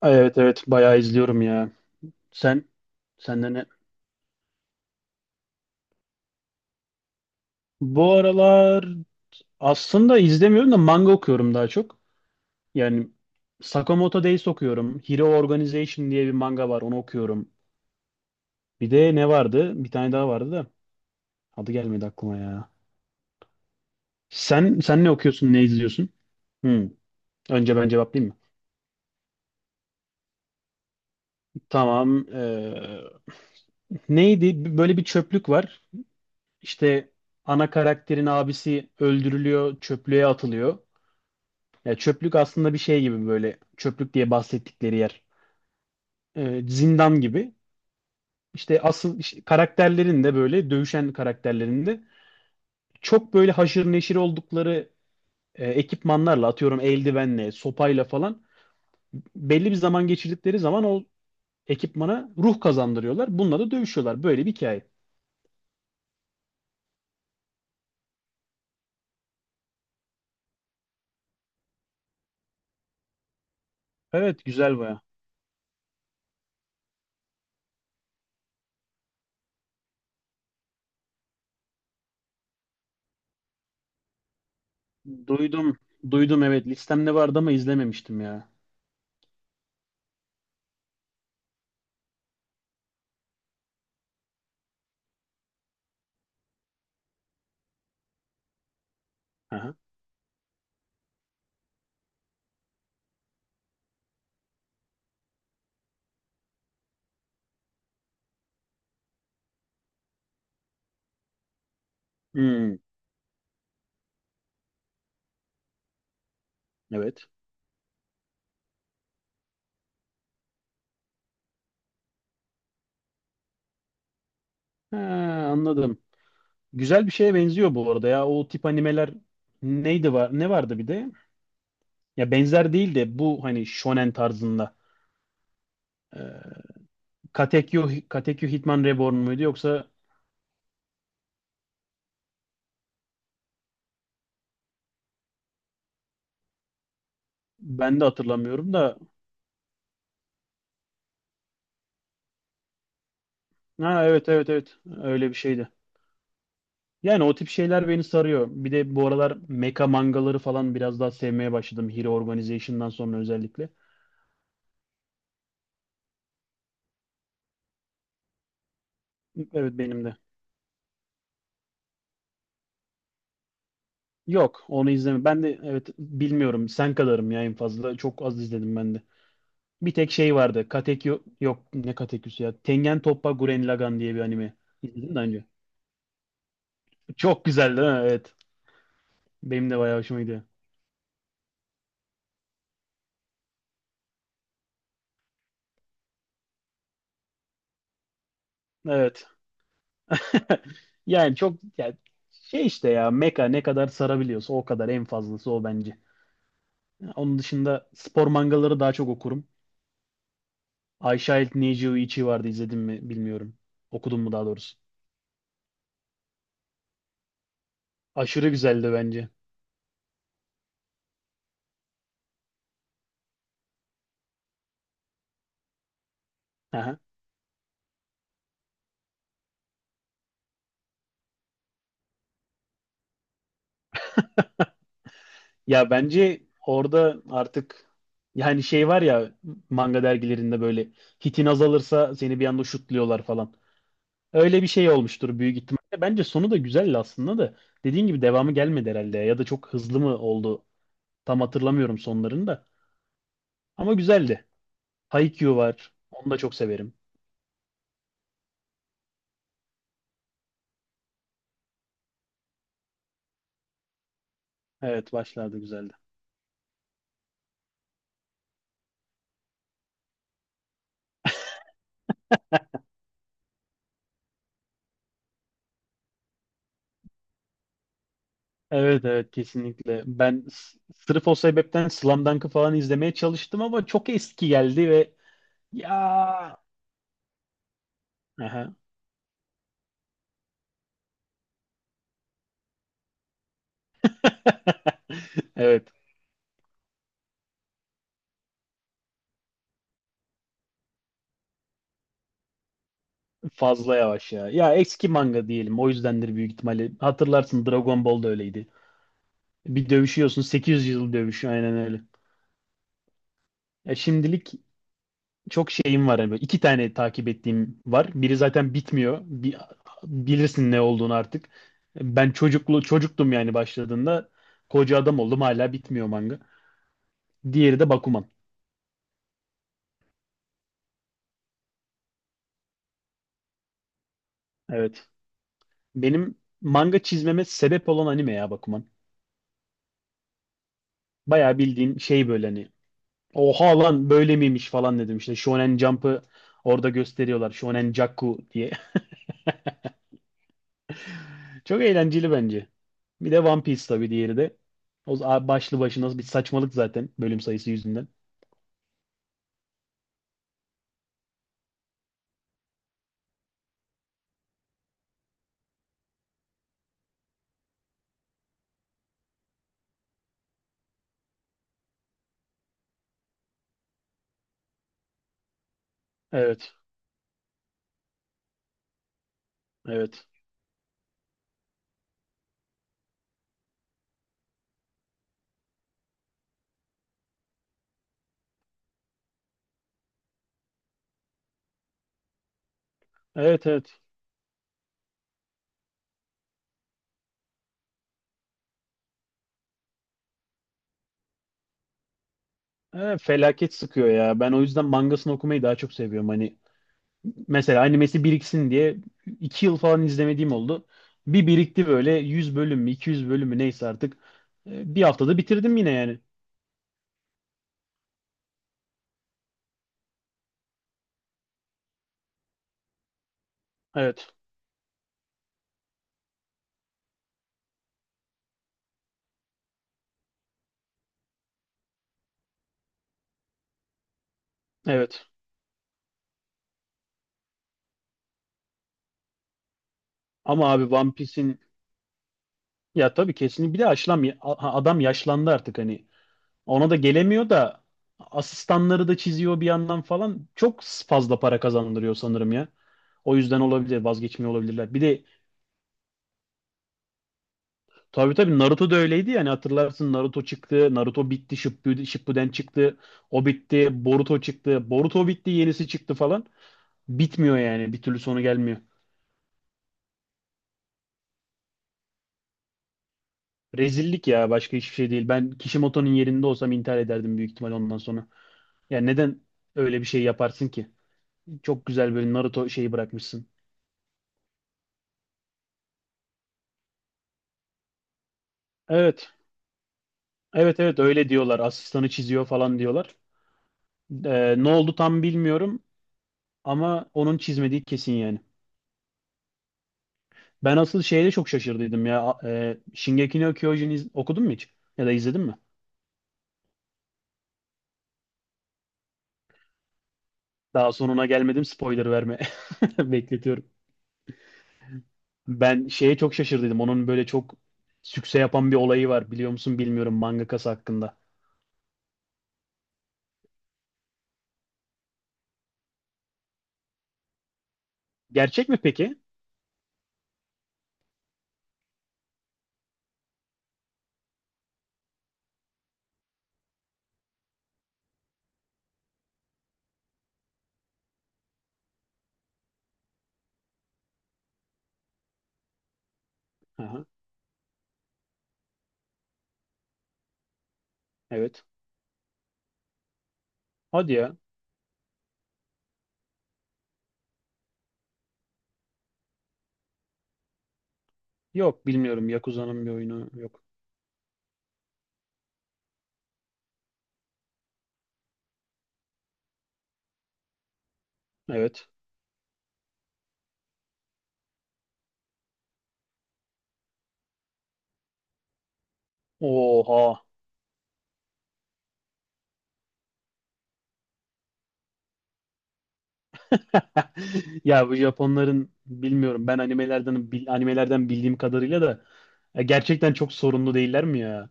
Ay, evet evet bayağı izliyorum ya. Sen Senden ne? Bu aralar aslında izlemiyorum da manga okuyorum daha çok. Yani Sakamoto Days okuyorum. Hero Organization diye bir manga var onu okuyorum. Bir de ne vardı? Bir tane daha vardı da adı gelmedi aklıma ya. Sen ne okuyorsun, ne izliyorsun? Hmm. Önce ben cevaplayayım mı? Tamam. Neydi? Böyle bir çöplük var. İşte ana karakterin abisi öldürülüyor, çöplüğe atılıyor. Ya çöplük aslında bir şey gibi böyle çöplük diye bahsettikleri yer. Zindan gibi. İşte asıl işte karakterlerin de böyle dövüşen karakterlerin de çok böyle haşır neşir oldukları ekipmanlarla atıyorum eldivenle, sopayla falan belli bir zaman geçirdikleri zaman o ekipmana ruh kazandırıyorlar. Bununla da dövüşüyorlar. Böyle bir hikaye. Evet, güzel baya. Duydum. Duydum, evet, listemde vardı ama izlememiştim ya. Aha. Hmm, evet. Ha, anladım. Güzel bir şeye benziyor bu arada ya. O tip animeler neydi var? Ne vardı bir de? Ya benzer değil de bu hani shonen tarzında. Ee, Katekyo Hitman Reborn muydu yoksa ben de hatırlamıyorum da. Ha, evet evet evet, öyle bir şeydi. Yani o tip şeyler beni sarıyor. Bir de bu aralar meka mangaları falan biraz daha sevmeye başladım. Hero Organization'dan sonra özellikle. Evet, benim de. Yok, onu izleme. Ben de evet bilmiyorum. Sen kadarım ya en fazla. Çok az izledim ben de. Bir tek şey vardı. Katekyo yok ne Katekyo'su ya. Tengen Toppa Gurren Lagann diye bir anime. İzledin mi daha önce? Çok güzeldi ha? Evet. Benim de bayağı hoşuma gidiyor. Evet. Yani çok ya şey işte ya meka ne kadar sarabiliyorsa o kadar en fazlası o bence. Onun dışında spor mangaları daha çok okurum. I Child Need You Ichi vardı izledim mi bilmiyorum. Okudum mu daha doğrusu. Aşırı güzeldi bence. Ya bence orada artık yani şey var ya manga dergilerinde böyle hitin azalırsa seni bir anda şutluyorlar falan. Öyle bir şey olmuştur büyük ihtimalle. Bence sonu da güzeldi aslında da. Dediğin gibi devamı gelmedi herhalde ya da çok hızlı mı oldu? Tam hatırlamıyorum sonlarını da. Ama güzeldi. Haikyuu var. Onu da çok severim. Evet, başlarda güzeldi. Evet evet, kesinlikle. Ben sırf o sebepten Slam Dunk'ı falan izlemeye çalıştım ama çok eski geldi ve ya evet, fazla yavaş ya. Ya eski manga diyelim. O yüzdendir büyük ihtimalle. Hatırlarsın, Dragon Ball da öyleydi. Bir dövüşüyorsun 800 yıl dövüş aynen öyle. Ya şimdilik çok şeyim var. Yani. Böyle iki tane takip ettiğim var. Biri zaten bitmiyor. Bilirsin ne olduğunu artık. Ben çocuktum yani başladığında. Koca adam oldum hala bitmiyor manga. Diğeri de Bakuman. Evet. Benim manga çizmeme sebep olan anime ya Bakuman. Bayağı bildiğin şey böyle hani oha lan böyle miymiş falan dedim. İşte Shonen Jump'ı orada gösteriyorlar. Shonen Jakku diye. Çok eğlenceli bence. Bir de One Piece tabii, diğeri de. O başlı başına bir saçmalık zaten bölüm sayısı yüzünden. Evet. Evet. Evet evet. Evet, felaket sıkıyor ya. Ben o yüzden mangasını okumayı daha çok seviyorum. Hani mesela animesi biriksin diye 2 yıl falan izlemediğim oldu. Bir birikti böyle 100 bölüm mü 200 bölüm mü neyse artık. Bir haftada bitirdim yine yani. Evet. Evet. Ama abi One Piece'in ya tabii kesin bir de adam yaşlandı artık hani. Ona da gelemiyor da asistanları da çiziyor bir yandan falan. Çok fazla para kazandırıyor sanırım ya. O yüzden olabilir, vazgeçmiyor olabilirler. Bir de tabii tabii Naruto da öyleydi yani, hatırlarsın, Naruto çıktı, Naruto bitti, Shippuden, Shippuden çıktı, o bitti, Boruto çıktı, Boruto bitti, yenisi çıktı falan. Bitmiyor yani, bir türlü sonu gelmiyor. Rezillik ya, başka hiçbir şey değil. Ben Kishimoto'nun yerinde olsam intihar ederdim büyük ihtimal ondan sonra. Yani neden öyle bir şey yaparsın ki? Çok güzel böyle Naruto şeyi bırakmışsın. Evet, evet evet, öyle diyorlar. Asistanı çiziyor falan diyorlar. Ne oldu tam bilmiyorum ama onun çizmediği kesin yani. Ben asıl şeyde çok şaşırdıydım ya. Shingeki no Kyojin okudun mu hiç? Ya da izledin mi? Daha sonuna gelmedim, spoiler verme. Bekletiyorum. Ben şeye çok şaşırdıydım. Onun böyle çok sükse yapan bir olayı var. Biliyor musun bilmiyorum mangakası hakkında. Gerçek mi peki? Aha, evet. Hadi ya. Yok, bilmiyorum. Yakuza'nın bir oyunu yok. Evet. Oha. Ya bu Japonların bilmiyorum, ben animelerden animelerden bildiğim kadarıyla da ya gerçekten çok sorunlu değiller mi ya?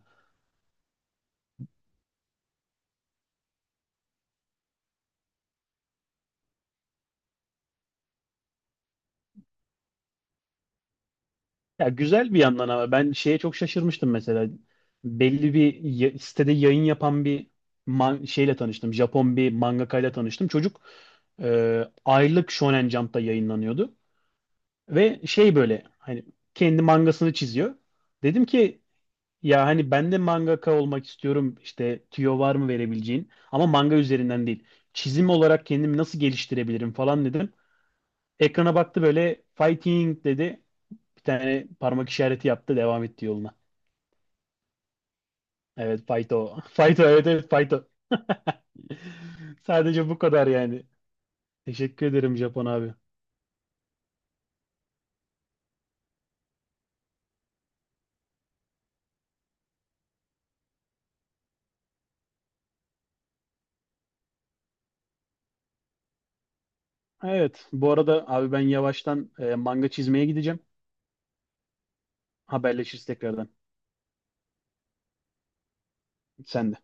Ya güzel bir yandan ama ben şeye çok şaşırmıştım mesela. Belli bir sitede yayın yapan bir şeyle tanıştım. Japon bir mangakayla tanıştım. Çocuk aylık Shonen Jump'ta yayınlanıyordu ve şey böyle hani kendi mangasını çiziyor. Dedim ki ya hani ben de mangaka olmak istiyorum. İşte tüyo var mı verebileceğin? Ama manga üzerinden değil. Çizim olarak kendimi nasıl geliştirebilirim falan dedim. Ekrana baktı böyle fighting dedi. Bir tane parmak işareti yaptı. Devam etti yoluna. Evet, Faito. Faito, evet evet, Faito. Sadece bu kadar yani. Teşekkür ederim Japon abi. Evet bu arada abi, ben yavaştan manga çizmeye gideceğim. Haberleşiriz tekrardan. Sen de.